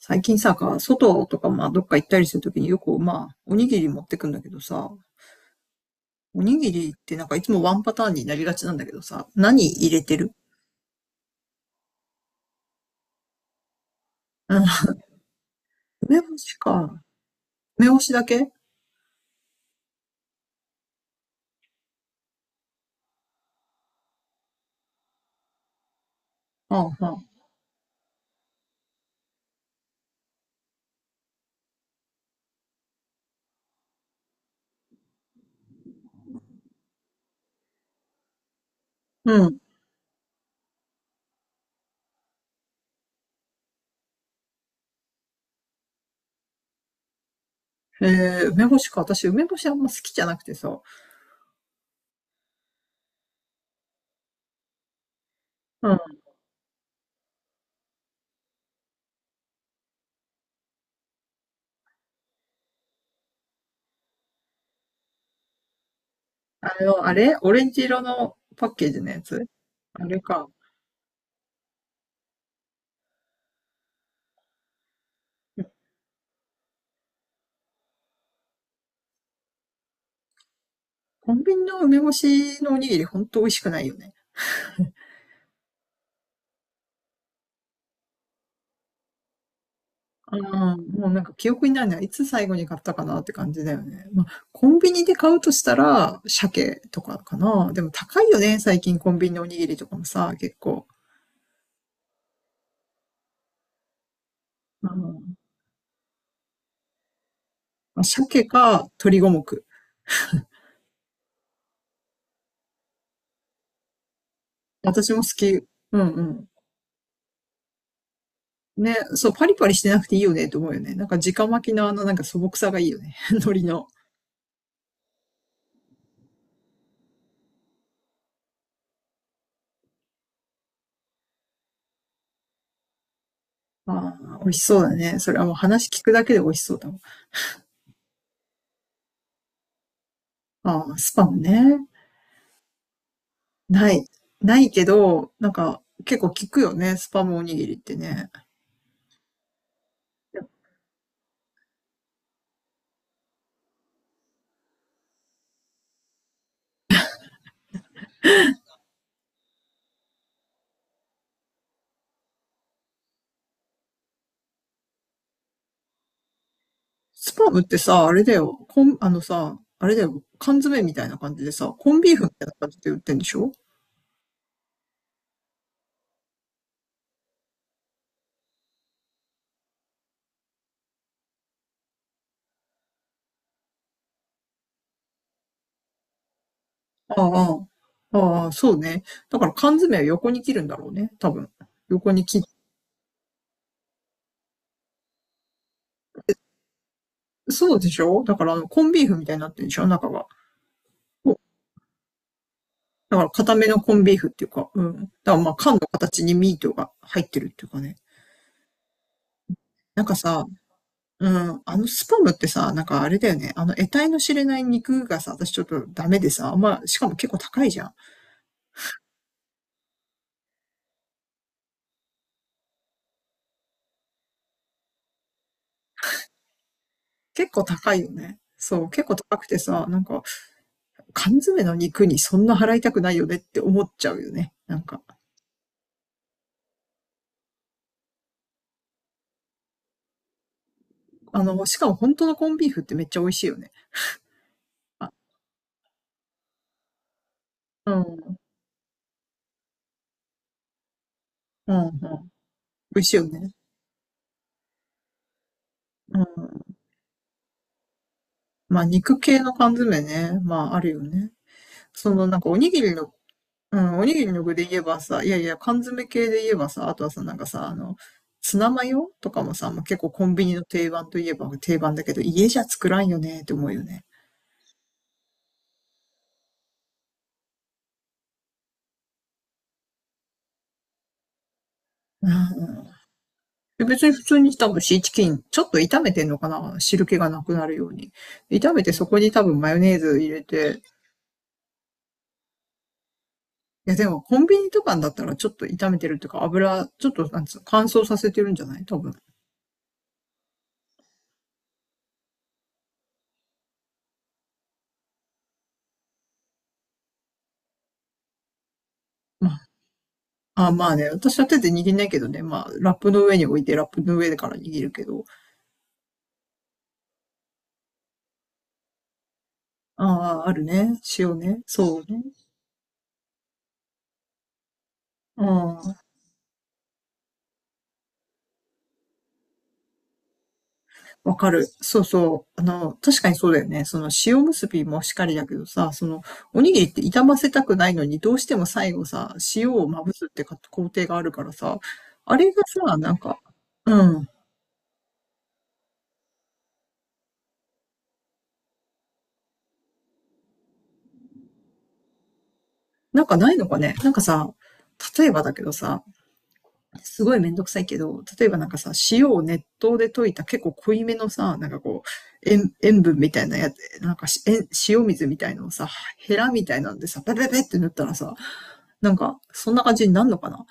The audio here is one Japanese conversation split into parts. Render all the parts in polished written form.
最近さ、外とか、まあ、どっか行ったりするときによく、まあ、おにぎり持ってくんだけどさ、おにぎりってなんかいつもワンパターンになりがちなんだけどさ、何入れてる？うん、梅干しか。梅干しだけ？ああ、はあ。うん。えー、梅干しか。私、梅干しあんま好きじゃなくてさ。うん。あの、あれオレンジ色のパッケージのやつ？あれか。コンビニの梅干しのおにぎりほんと美味しくないよね。ああ、もうなんか記憶にないな。いつ最後に買ったかなって感じだよね。まあ、コンビニで買うとしたら、鮭とかかな。でも高いよね、最近コンビニのおにぎりとかもさ、結構。うん。まあ、鮭か鶏五目。私も好き。うんうん。ね、そう、パリパリしてなくていいよねと思うよね。なんか直巻きのあのなんか素朴さがいいよね。海苔の。ああ、美味しそうだね。それはもう話聞くだけで美味しそうだもん。ああ、スパムね。ない。ないけど、なんか、結構聞くよね、スパムおにぎりってね。スパムってさ、あれだよ、コン、あのさ、あれだよ、缶詰みたいな感じでさ、コンビーフみたいな感じで売ってんでしょ？ああ、ああ、そうね。だから缶詰は横に切るんだろうね、多分。横に切っ、そうでしょ？だからあの、コンビーフみたいになってるでしょ中が。そうだから固めのコンビーフっていうか、うん。だからまあ缶の形にミートが入ってるっていうかね。なんかさ、うん、あのスパムってさ、なんかあれだよね。あの得体の知れない肉がさ、私ちょっとダメでさ、あんま、しかも結構高いじゃん。結構高いよね。そう、結構高くてさ、なんか缶詰の肉にそんな払いたくないよねって思っちゃうよね。なんか。あの、しかも本当のコンビーフってめっちゃ美味しいよね。あ、うん、うん、うん。美味しいよね。うん。まあ肉系の缶詰ね。まああるよね。そのなんかおにぎりの、うん、おにぎりの具で言えばさ、いやいや、缶詰系で言えばさ、あとはさ、なんかさ、あの、ツナマヨとかもさ、もう結構コンビニの定番といえば定番だけど、家じゃ作らんよねって思うよね。うんうん。で別に普通に多分シーチキン、ちょっと炒めてんのかな汁気がなくなるように。炒めてそこに多分マヨネーズ入れて、いやでもコンビニとかだったらちょっと炒めてるっていうか油、ちょっとなんつうの、乾燥させてるんじゃない多分。まあ、あ、まあね、私は手で握んないけどね、まあラップの上に置いてラップの上でから握るけど。ああ、あるね。塩ね。そうね。うん。わかる。そうそう。あの、確かにそうだよね。その塩結びもしかりだけどさ、その、おにぎりって傷ませたくないのに、どうしても最後さ、塩をまぶすってか工程があるからさ、あれがさ、なんか、うん。なんかないのかね。なんかさ、例えばだけどさ、すごいめんどくさいけど、例えばなんかさ、塩を熱湯で溶いた結構濃いめのさ、なんかこう、塩分みたいなやつ、なんか塩水みたいなのをさ、ヘラみたいなんでさ、ペペペって塗ったらさ、なんか、そんな感じになるのかな？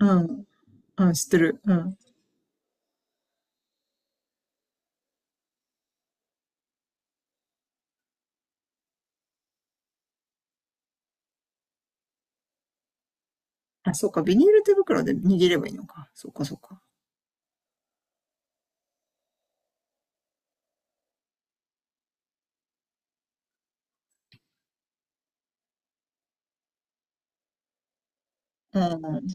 うん。うん、知ってる。うん。あ、そうか、ビニール手袋で握ればいいのか。そうか、そうか。うん。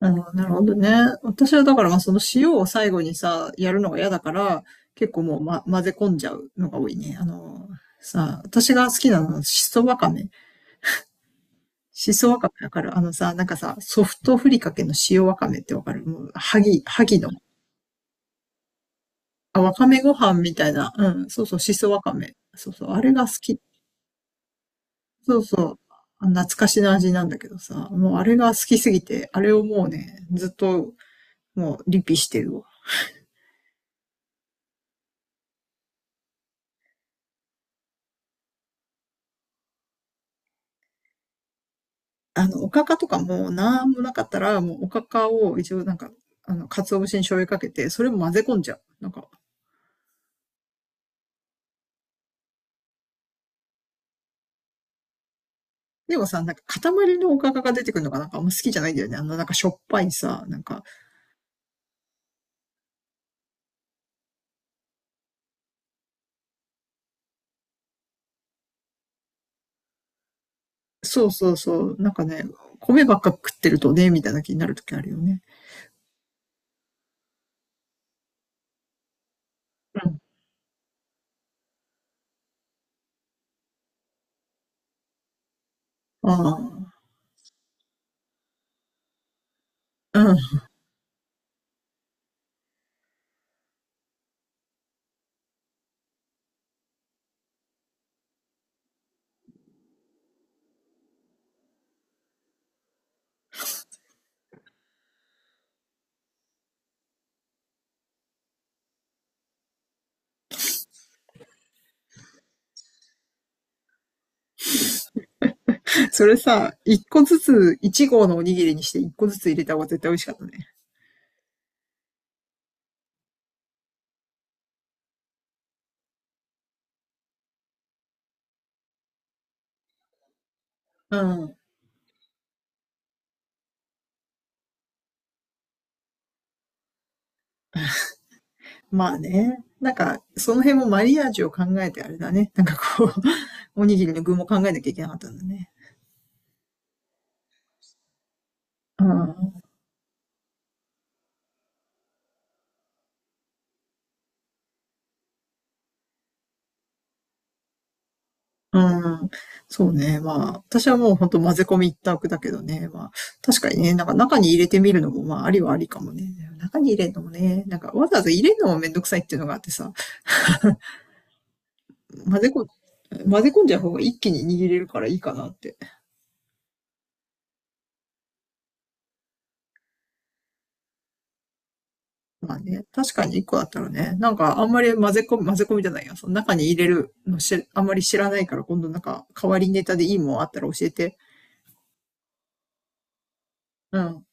うん、なるほどね。私はだから、まあ、その塩を最後にさ、やるのが嫌だから、結構もう、ま、混ぜ込んじゃうのが多いね。あの、さ、私が好きなのは、しそわかめ。しそわかめわかる？あのさ、なんかさ、ソフトふりかけの塩わかめってわかる？もう、はぎ、はぎの。あ、わかめご飯みたいな。うん、そうそう、しそわかめ。そうそう、あれが好き。そうそう。あ懐かしの味なんだけどさ、もうあれが好きすぎて、あれをもうね、ずっともうリピしてるわ。あの、おかかとかもなんもなかったら、もうおかかを一応なんか、あの、鰹節に醤油かけて、それも混ぜ込んじゃう。なんか、でもさ、なんか塊のおかかが出てくるのがなんかあんま好きじゃないんだよね。あの、なんかしょっぱいさ、なんか、そうそうそう。なんかね、米ばっか食ってるとね、みたいな気になるときあるよね。うん。ああ。うん。それさ、一個ずつ、一合のおにぎりにして一個ずつ入れた方が絶対美味しかったね。うん。まあね。なんか、その辺もマリアージュを考えてあれだね。なんかこう、おにぎりの具も考えなきゃいけなかったんだね。うん。うん。そうね。まあ、私はもう本当混ぜ込み一択だけどね。まあ、確かにね、なんか中に入れてみるのも、まあ、ありはありかもね。中に入れるのもね、なんかわざわざ入れるのもめんどくさいっていうのがあってさ、混ぜこ、混ぜ込んじゃう方が一気に握れるからいいかなって。まあね、確かに一個だったらね、なんかあんまり混ぜ込みじゃないや。その中に入れるのし、あんまり知らないから、今度なんか代わりネタでいいもんあったら教えて。うん。